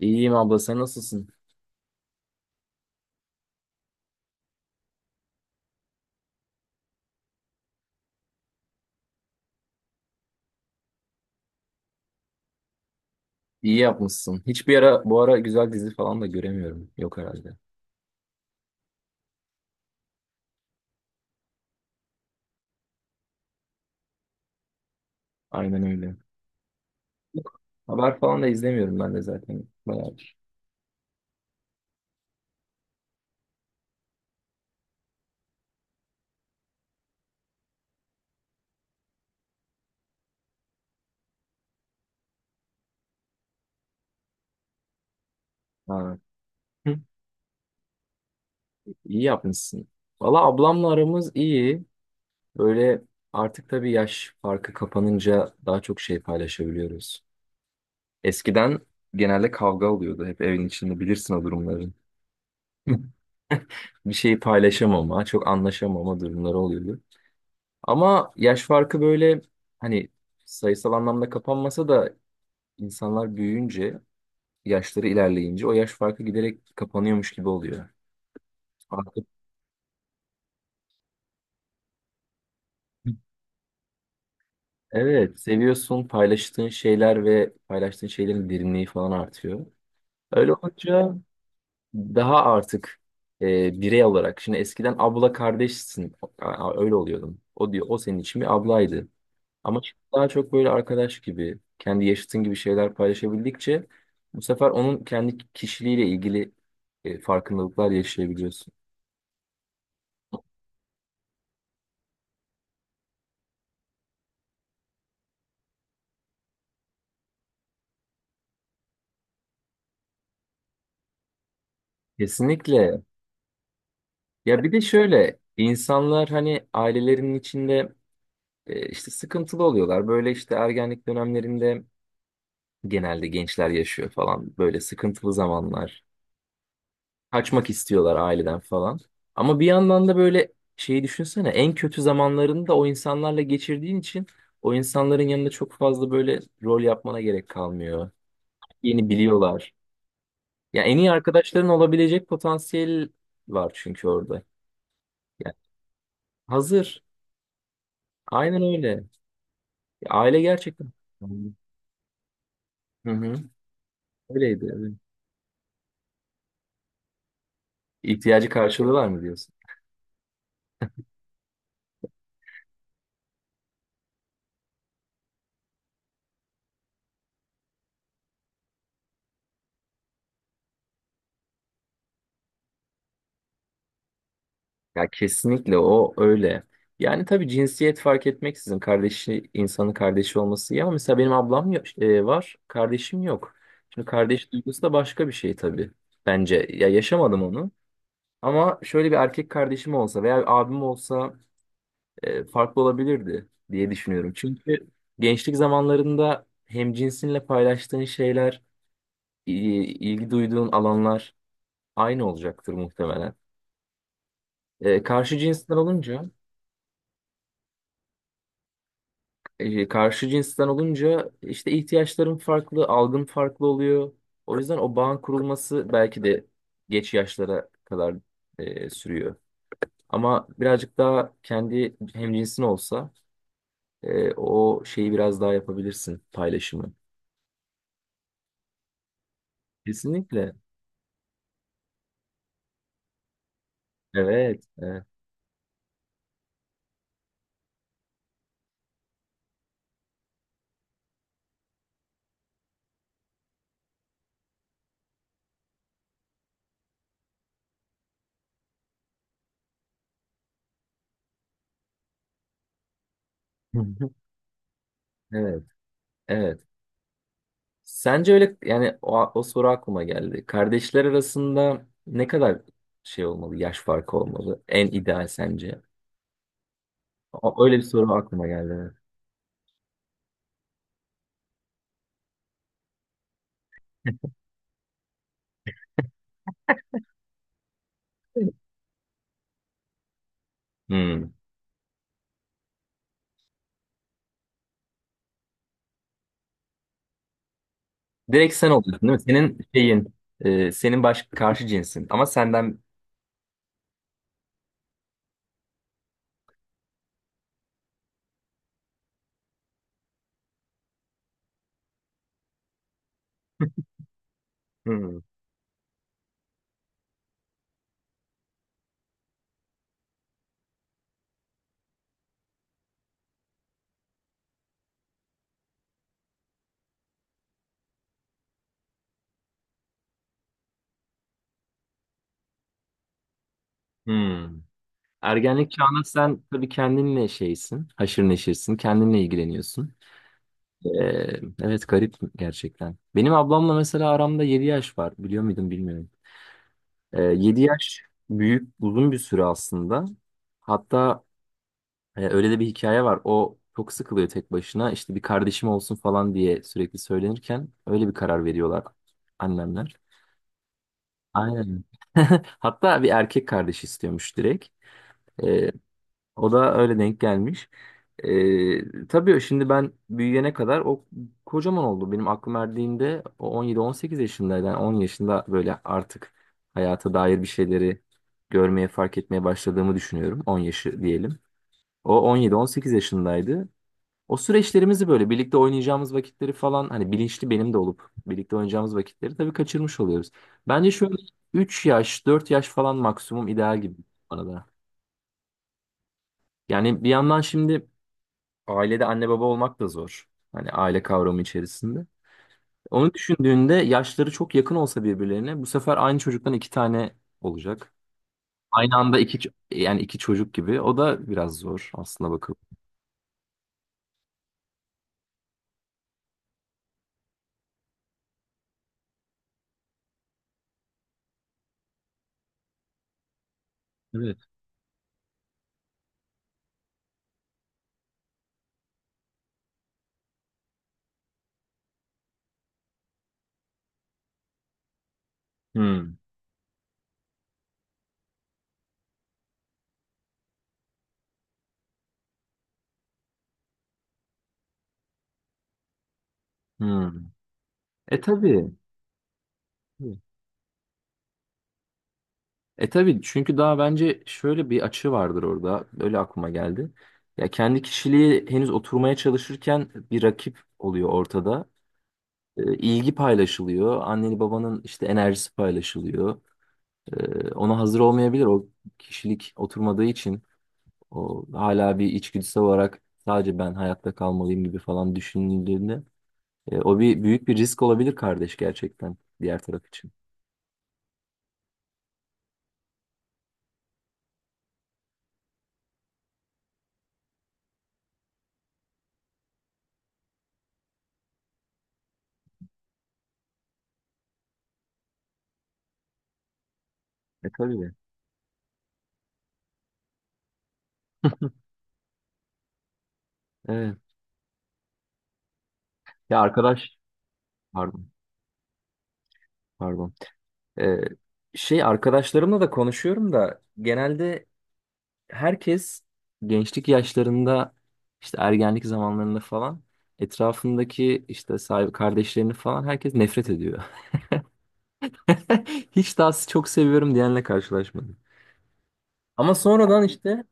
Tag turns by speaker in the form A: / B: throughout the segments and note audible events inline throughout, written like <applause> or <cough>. A: İyiyim abla, sen nasılsın? İyi yapmışsın. Hiçbir ara bu ara güzel dizi falan da göremiyorum. Yok herhalde. Aynen öyle. Haber falan da izlemiyorum ben de zaten. Bayağı. Ha. Hı. İyi yapmışsın. Valla ablamla aramız iyi. Böyle artık tabii yaş farkı kapanınca daha çok şey paylaşabiliyoruz. Eskiden genelde kavga oluyordu hep evin içinde, bilirsin o durumların. <laughs> Bir şeyi paylaşamama, çok anlaşamama durumları oluyordu. Ama yaş farkı böyle, hani, sayısal anlamda kapanmasa da insanlar büyüyünce, yaşları ilerleyince o yaş farkı giderek kapanıyormuş gibi oluyor. Artık evet, seviyorsun, paylaştığın şeyler ve paylaştığın şeylerin derinliği falan artıyor. Öyle olunca daha artık birey olarak, şimdi eskiden abla kardeşsin, öyle oluyordum. O diyor, o senin için bir ablaydı. Ama daha çok böyle arkadaş gibi, kendi yaşıtın gibi şeyler paylaşabildikçe bu sefer onun kendi kişiliğiyle ilgili farkındalıklar yaşayabiliyorsun. Kesinlikle. Ya bir de şöyle, insanlar hani ailelerinin içinde işte sıkıntılı oluyorlar. Böyle işte ergenlik dönemlerinde genelde gençler yaşıyor falan böyle sıkıntılı zamanlar. Kaçmak istiyorlar aileden falan. Ama bir yandan da böyle şeyi düşünsene, en kötü zamanlarını da o insanlarla geçirdiğin için o insanların yanında çok fazla böyle rol yapmana gerek kalmıyor. Yeni biliyorlar. Ya, en iyi arkadaşların olabilecek potansiyel var çünkü orada. Yani hazır. Aynen öyle. Ya aile gerçekten. Hı hı. Öyleydi. Evet. İhtiyacı karşılığı var mı diyorsun? Ya kesinlikle o öyle. Yani tabii, cinsiyet fark etmeksizin kardeşi, insanın kardeşi olması iyi, ama mesela benim ablam var, kardeşim yok. Şimdi kardeş duygusu da başka bir şey tabii. Bence, ya, yaşamadım onu. Ama şöyle bir erkek kardeşim olsa veya bir abim olsa farklı olabilirdi diye düşünüyorum. Çünkü gençlik zamanlarında hem cinsinle paylaştığın şeyler, i- ilgi duyduğun alanlar aynı olacaktır muhtemelen. E, karşı cinsler olunca karşı cinsten olunca işte ihtiyaçlarım farklı, algım farklı oluyor. O yüzden o bağın kurulması belki de geç yaşlara kadar sürüyor. Ama birazcık daha kendi hemcinsin olsa o şeyi biraz daha yapabilirsin, paylaşımı. Kesinlikle. Evet. Evet. <laughs> Evet. Evet. Sence öyle, yani o soru aklıma geldi. Kardeşler arasında ne kadar şey olmalı, yaş farkı olmalı? En ideal sence? Öyle bir soru aklıma geldi. Evet. Hmm. Direkt sen oluyorsun değil mi? Senin şeyin, senin baş karşı cinsin. Ama senden... Hmm. Hmm. Ergenlik çağında sen tabii kendinle şeysin, haşır neşirsin, kendinle ilgileniyorsun. E, evet, garip gerçekten. Benim ablamla mesela aramda 7 yaş var. Biliyor muydun? Bilmiyorum. 7 yaş büyük, uzun bir süre aslında. Hatta öyle de bir hikaye var. O çok sıkılıyor tek başına. İşte bir kardeşim olsun falan diye sürekli söylenirken öyle bir karar veriyorlar annemler. Aynen. <laughs> Hatta bir erkek kardeş istiyormuş direkt. E, O da öyle denk gelmiş. Tabii şimdi ben büyüyene kadar o kocaman oldu. Benim aklım erdiğinde o 17-18 yaşındaydı. Yani 10 yaşında böyle artık hayata dair bir şeyleri görmeye, fark etmeye başladığımı düşünüyorum. 10 yaşı diyelim. O 17-18 yaşındaydı. O süreçlerimizi böyle birlikte oynayacağımız vakitleri falan, hani bilinçli benim de olup birlikte oynayacağımız vakitleri tabii kaçırmış oluyoruz. Bence şöyle 3 yaş 4 yaş falan maksimum ideal gibi bu arada. Yani bir yandan şimdi ailede anne baba olmak da zor, hani aile kavramı içerisinde. Onu düşündüğünde yaşları çok yakın olsa birbirlerine, bu sefer aynı çocuktan iki tane olacak. Aynı anda iki yani iki çocuk gibi. O da biraz zor aslında, bakıp. Evet. Hmm, hmm. E tabii. E tabii, çünkü daha, bence şöyle bir açı vardır orada. Öyle aklıma geldi. Ya kendi kişiliği henüz oturmaya çalışırken bir rakip oluyor ortada. İlgi paylaşılıyor. Anneni babanın işte enerjisi paylaşılıyor. Ona hazır olmayabilir. O kişilik oturmadığı için, o hala bir içgüdüsel olarak sadece ben hayatta kalmalıyım gibi falan düşünüldüğünde, o bir büyük bir risk olabilir kardeş gerçekten diğer taraf için. E tabii. Evet. Ya arkadaş, pardon. Pardon. Ee, şey arkadaşlarımla da konuşuyorum da, genelde herkes gençlik yaşlarında, işte ergenlik zamanlarında falan, etrafındaki işte sahibi kardeşlerini falan herkes nefret ediyor. <laughs> Hiç daha çok seviyorum diyenle karşılaşmadım. Ama sonradan işte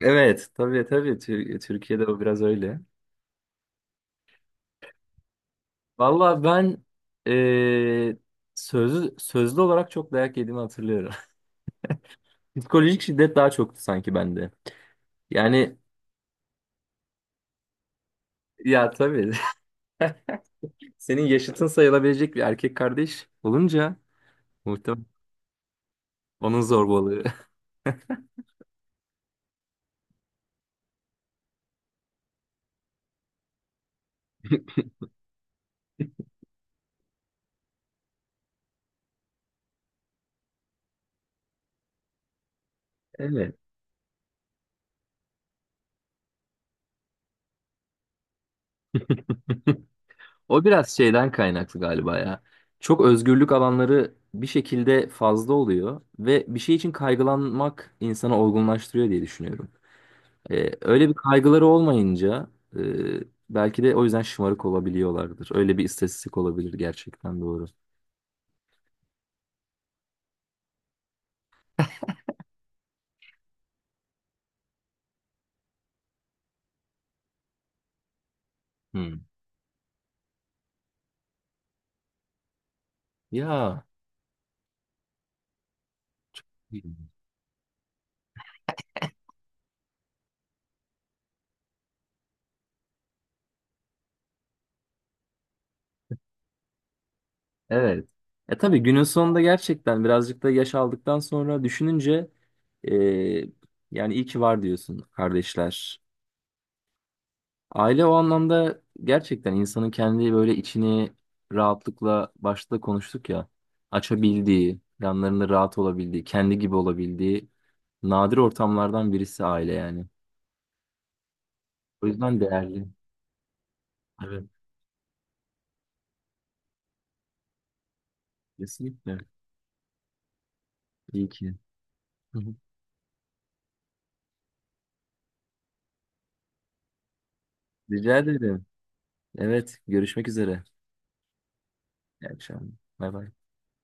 A: evet tabii tabii, Türkiye'de o biraz öyle. Valla ben eee sözlü, sözlü olarak çok dayak yediğimi hatırlıyorum. <laughs> Psikolojik şiddet daha çoktu sanki bende. Yani, ya tabii. <laughs> Senin yaşıtın sayılabilecek bir erkek kardeş olunca muhtemelen onun zorbalığı. <laughs> Evet. O biraz şeyden kaynaklı galiba ya. Çok özgürlük alanları bir şekilde fazla oluyor ve bir şey için kaygılanmak insanı olgunlaştırıyor diye düşünüyorum. Öyle bir kaygıları olmayınca e, belki de o yüzden şımarık olabiliyorlardır. Öyle bir istatistik olabilir, gerçekten doğru. Hmm. Ya. Evet. E tabii, günün sonunda gerçekten birazcık da yaş aldıktan sonra düşününce, e, yani iyi ki var diyorsun, kardeşler. Aile o anlamda gerçekten, insanın kendi böyle içini rahatlıkla, başta konuştuk ya, açabildiği, yanlarında rahat olabildiği, kendi gibi olabildiği nadir ortamlardan birisi aile yani. O yüzden değerli. Evet, kesinlikle. İyi ki. Hı hı. Rica ederim. Evet, görüşmek üzere. İyi akşamlar. Bay bay.